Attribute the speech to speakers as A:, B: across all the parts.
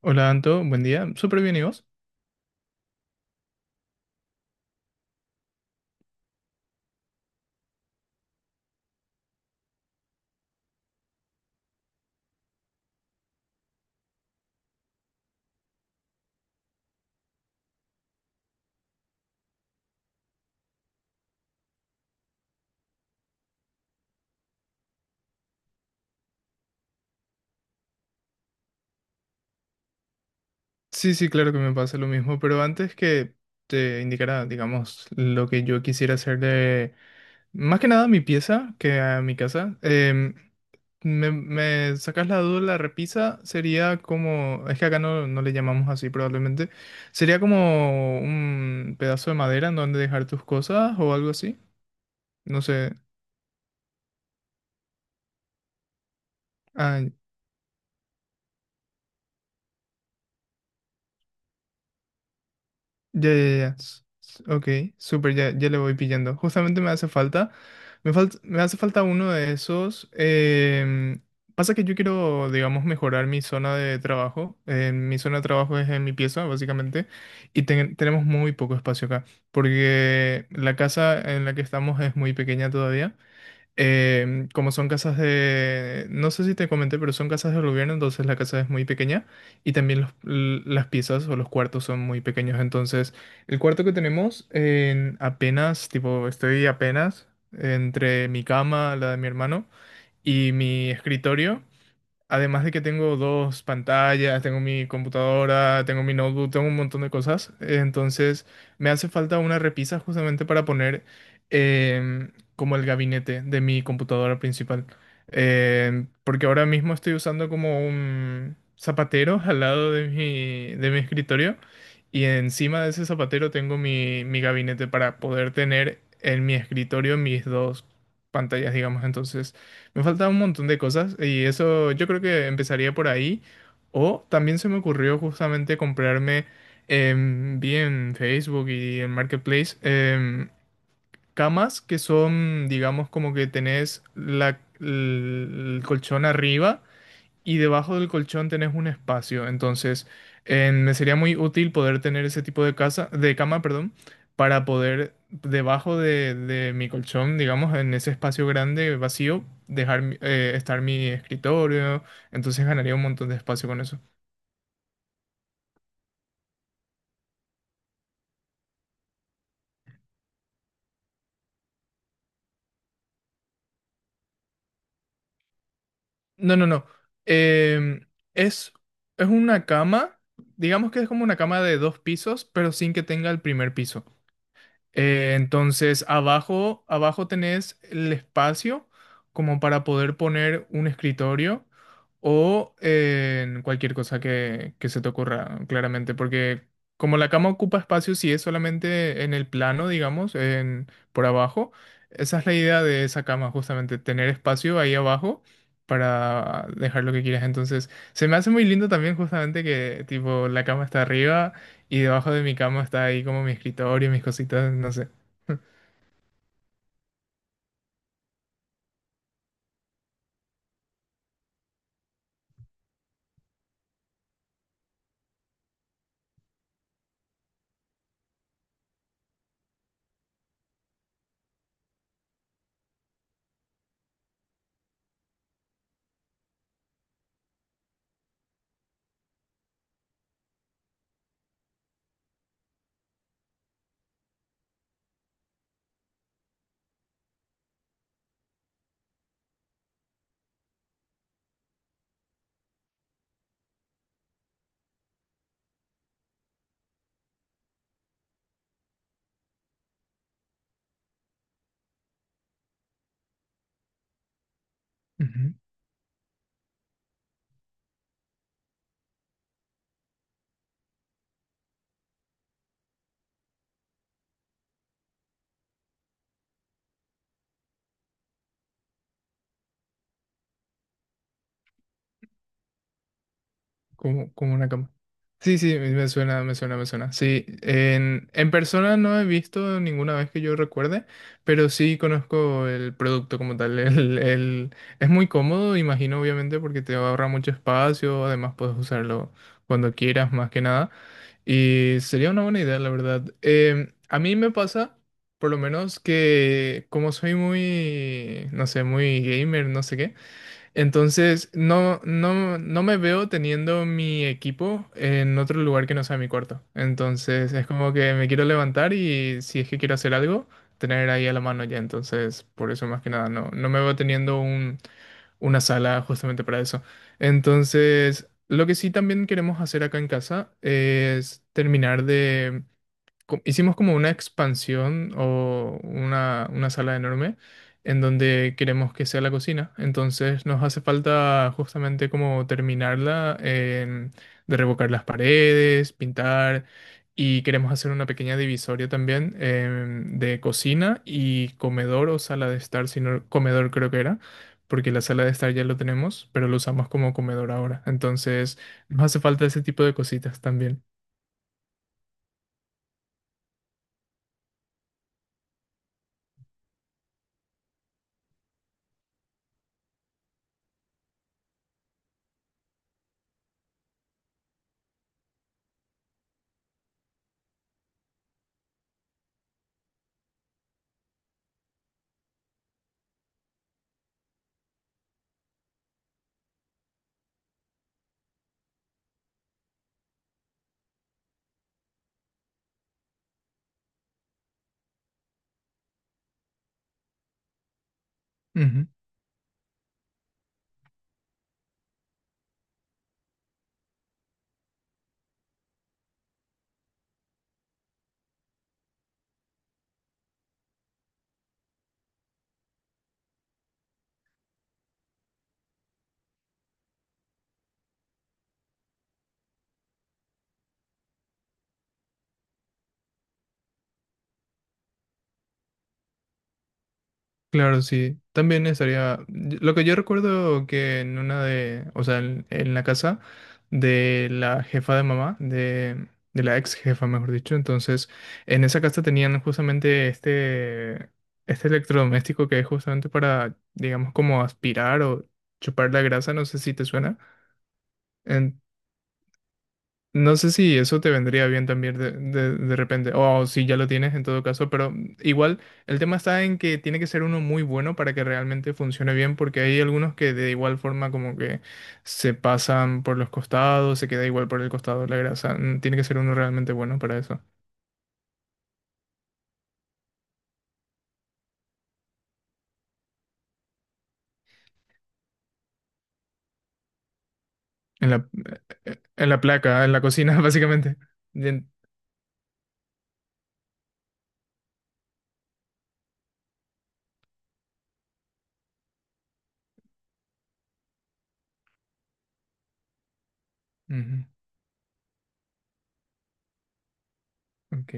A: Hola Anto, buen día. ¿Súper bien y vos? Sí, sí, claro que me pasa lo mismo, pero antes que te indicara, digamos, lo que yo quisiera hacer de, más que nada mi pieza, que a mi casa, me, me sacas la duda, la repisa sería como, es que acá no le llamamos así probablemente, sería como un pedazo de madera en donde dejar tus cosas o algo así, no sé. Ah, ya, ya, ya. Ok, súper, ya, ya le voy pillando. Justamente me hace falta. Me falta, me hace falta uno de esos. Pasa que yo quiero, digamos, mejorar mi zona de trabajo. Mi zona de trabajo es en mi pieza, básicamente. Y tenemos muy poco espacio acá. Porque la casa en la que estamos es muy pequeña todavía. Como son casas de, no sé si te comenté, pero son casas del gobierno, entonces la casa es muy pequeña y también las piezas o los cuartos son muy pequeños. Entonces, el cuarto que tenemos en apenas, tipo, estoy apenas entre mi cama, la de mi hermano y mi escritorio. Además de que tengo dos pantallas, tengo mi computadora, tengo mi notebook, tengo un montón de cosas. Entonces me hace falta una repisa justamente para poner como el gabinete de mi computadora principal. Porque ahora mismo estoy usando como un zapatero al lado de mi escritorio y encima de ese zapatero tengo mi, mi gabinete para poder tener en mi escritorio mis dos pantallas, digamos. Entonces, me falta un montón de cosas y eso yo creo que empezaría por ahí. O también se me ocurrió justamente comprarme, vi en Facebook y en Marketplace, camas que son, digamos, como que tenés la, el colchón arriba y debajo del colchón tenés un espacio. Entonces, me sería muy útil poder tener ese tipo de casa, de cama, perdón, para poder debajo de mi colchón, digamos, en ese espacio grande, vacío, dejar estar mi escritorio. Entonces ganaría un montón de espacio con eso. No, no, no. Em, es, es una cama, digamos que es como una cama de dos pisos, pero sin que tenga el primer piso. Entonces, abajo, abajo tenés el espacio como para poder poner un escritorio o cualquier cosa que se te ocurra, claramente, porque como la cama ocupa espacio, si es solamente en el plano, digamos, en, por abajo, esa es la idea de esa cama, justamente, tener espacio ahí abajo para dejar lo que quieras. Entonces, se me hace muy lindo también justamente que tipo la cama está arriba y debajo de mi cama está ahí como mi escritorio, mis cositas, no sé. Ujú. Como, como una cama. Sí, sí, me suena, me suena, me suena. Sí, en persona no he visto ninguna vez que yo recuerde, pero sí conozco el producto como tal. El- es muy cómodo, imagino, obviamente, porque te ahorra mucho espacio, además puedes usarlo cuando quieras, más que nada. Y sería una buena idea, la verdad. A mí me pasa, por lo menos, que como soy muy, no sé, muy gamer, no sé qué. Entonces, no me veo teniendo mi equipo en otro lugar que no sea mi cuarto. Entonces, es como que me quiero levantar y si es que quiero hacer algo, tener ahí a la mano ya. Entonces, por eso más que nada, no me veo teniendo un, una sala justamente para eso. Entonces, lo que sí también queremos hacer acá en casa es terminar de hicimos como una expansión o una sala enorme en donde queremos que sea la cocina. Entonces nos hace falta justamente como terminarla, de revocar las paredes, pintar y queremos hacer una pequeña divisoria también de cocina y comedor o sala de estar, sino comedor creo que era. Porque la sala de estar ya lo tenemos, pero lo usamos como comedor ahora. Entonces, nos hace falta ese tipo de cositas también. Ujú. Claro, sí. También estaría. Lo que yo recuerdo que en una de. O sea, en la casa de la jefa de mamá, de la ex jefa, mejor dicho. Entonces, en esa casa tenían justamente este. Este electrodoméstico que es justamente para, digamos, como aspirar o chupar la grasa. No sé si te suena. No sé si eso te vendría bien también de repente, o si ya lo tienes en todo caso, pero igual el tema está en que tiene que ser uno muy bueno para que realmente funcione bien, porque hay algunos que de igual forma como que se pasan por los costados, se queda igual por el costado la grasa. Tiene que ser uno realmente bueno para eso. En la placa, en la cocina, básicamente. Bien. Ujú. Ok.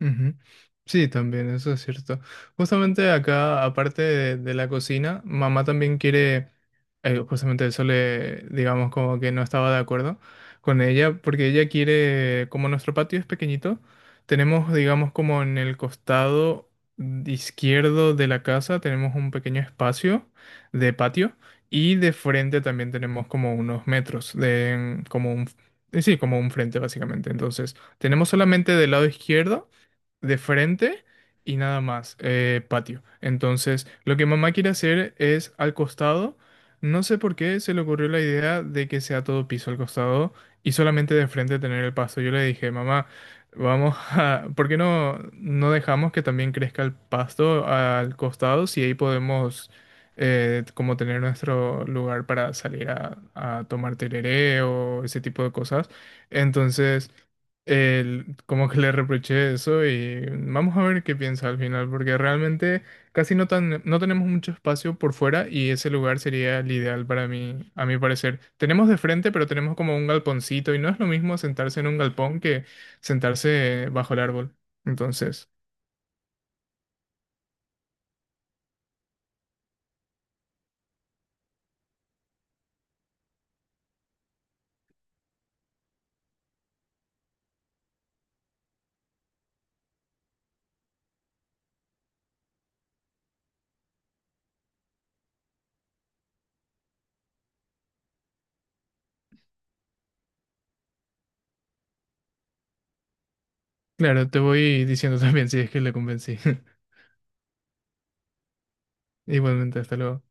A: Ujú. Sí, también, eso es cierto. Justamente acá, aparte de la cocina, mamá también quiere, justamente eso le, digamos, como que no estaba de acuerdo con ella, porque ella quiere, como nuestro patio es pequeñito, tenemos, digamos, como en el costado izquierdo de la casa, tenemos un pequeño espacio de patio y de frente también tenemos como unos metros de, como un, sí, como un frente básicamente. Entonces, tenemos solamente del lado izquierdo de frente y nada más, patio. Entonces, lo que mamá quiere hacer es al costado. No sé por qué se le ocurrió la idea de que sea todo piso al costado y solamente de frente tener el pasto. Yo le dije, mamá, vamos a, ¿por qué no dejamos que también crezca el pasto al costado si ahí podemos como tener nuestro lugar para salir a tomar tereré o ese tipo de cosas? Entonces como que le reproché eso y vamos a ver qué piensa al final, porque realmente casi no, tan, no tenemos mucho espacio por fuera y ese lugar sería el ideal para mí, a mi parecer. Tenemos de frente, pero tenemos como un galponcito y no es lo mismo sentarse en un galpón que sentarse bajo el árbol. Entonces, claro, te voy diciendo también si es que le convencí. Igualmente, hasta luego.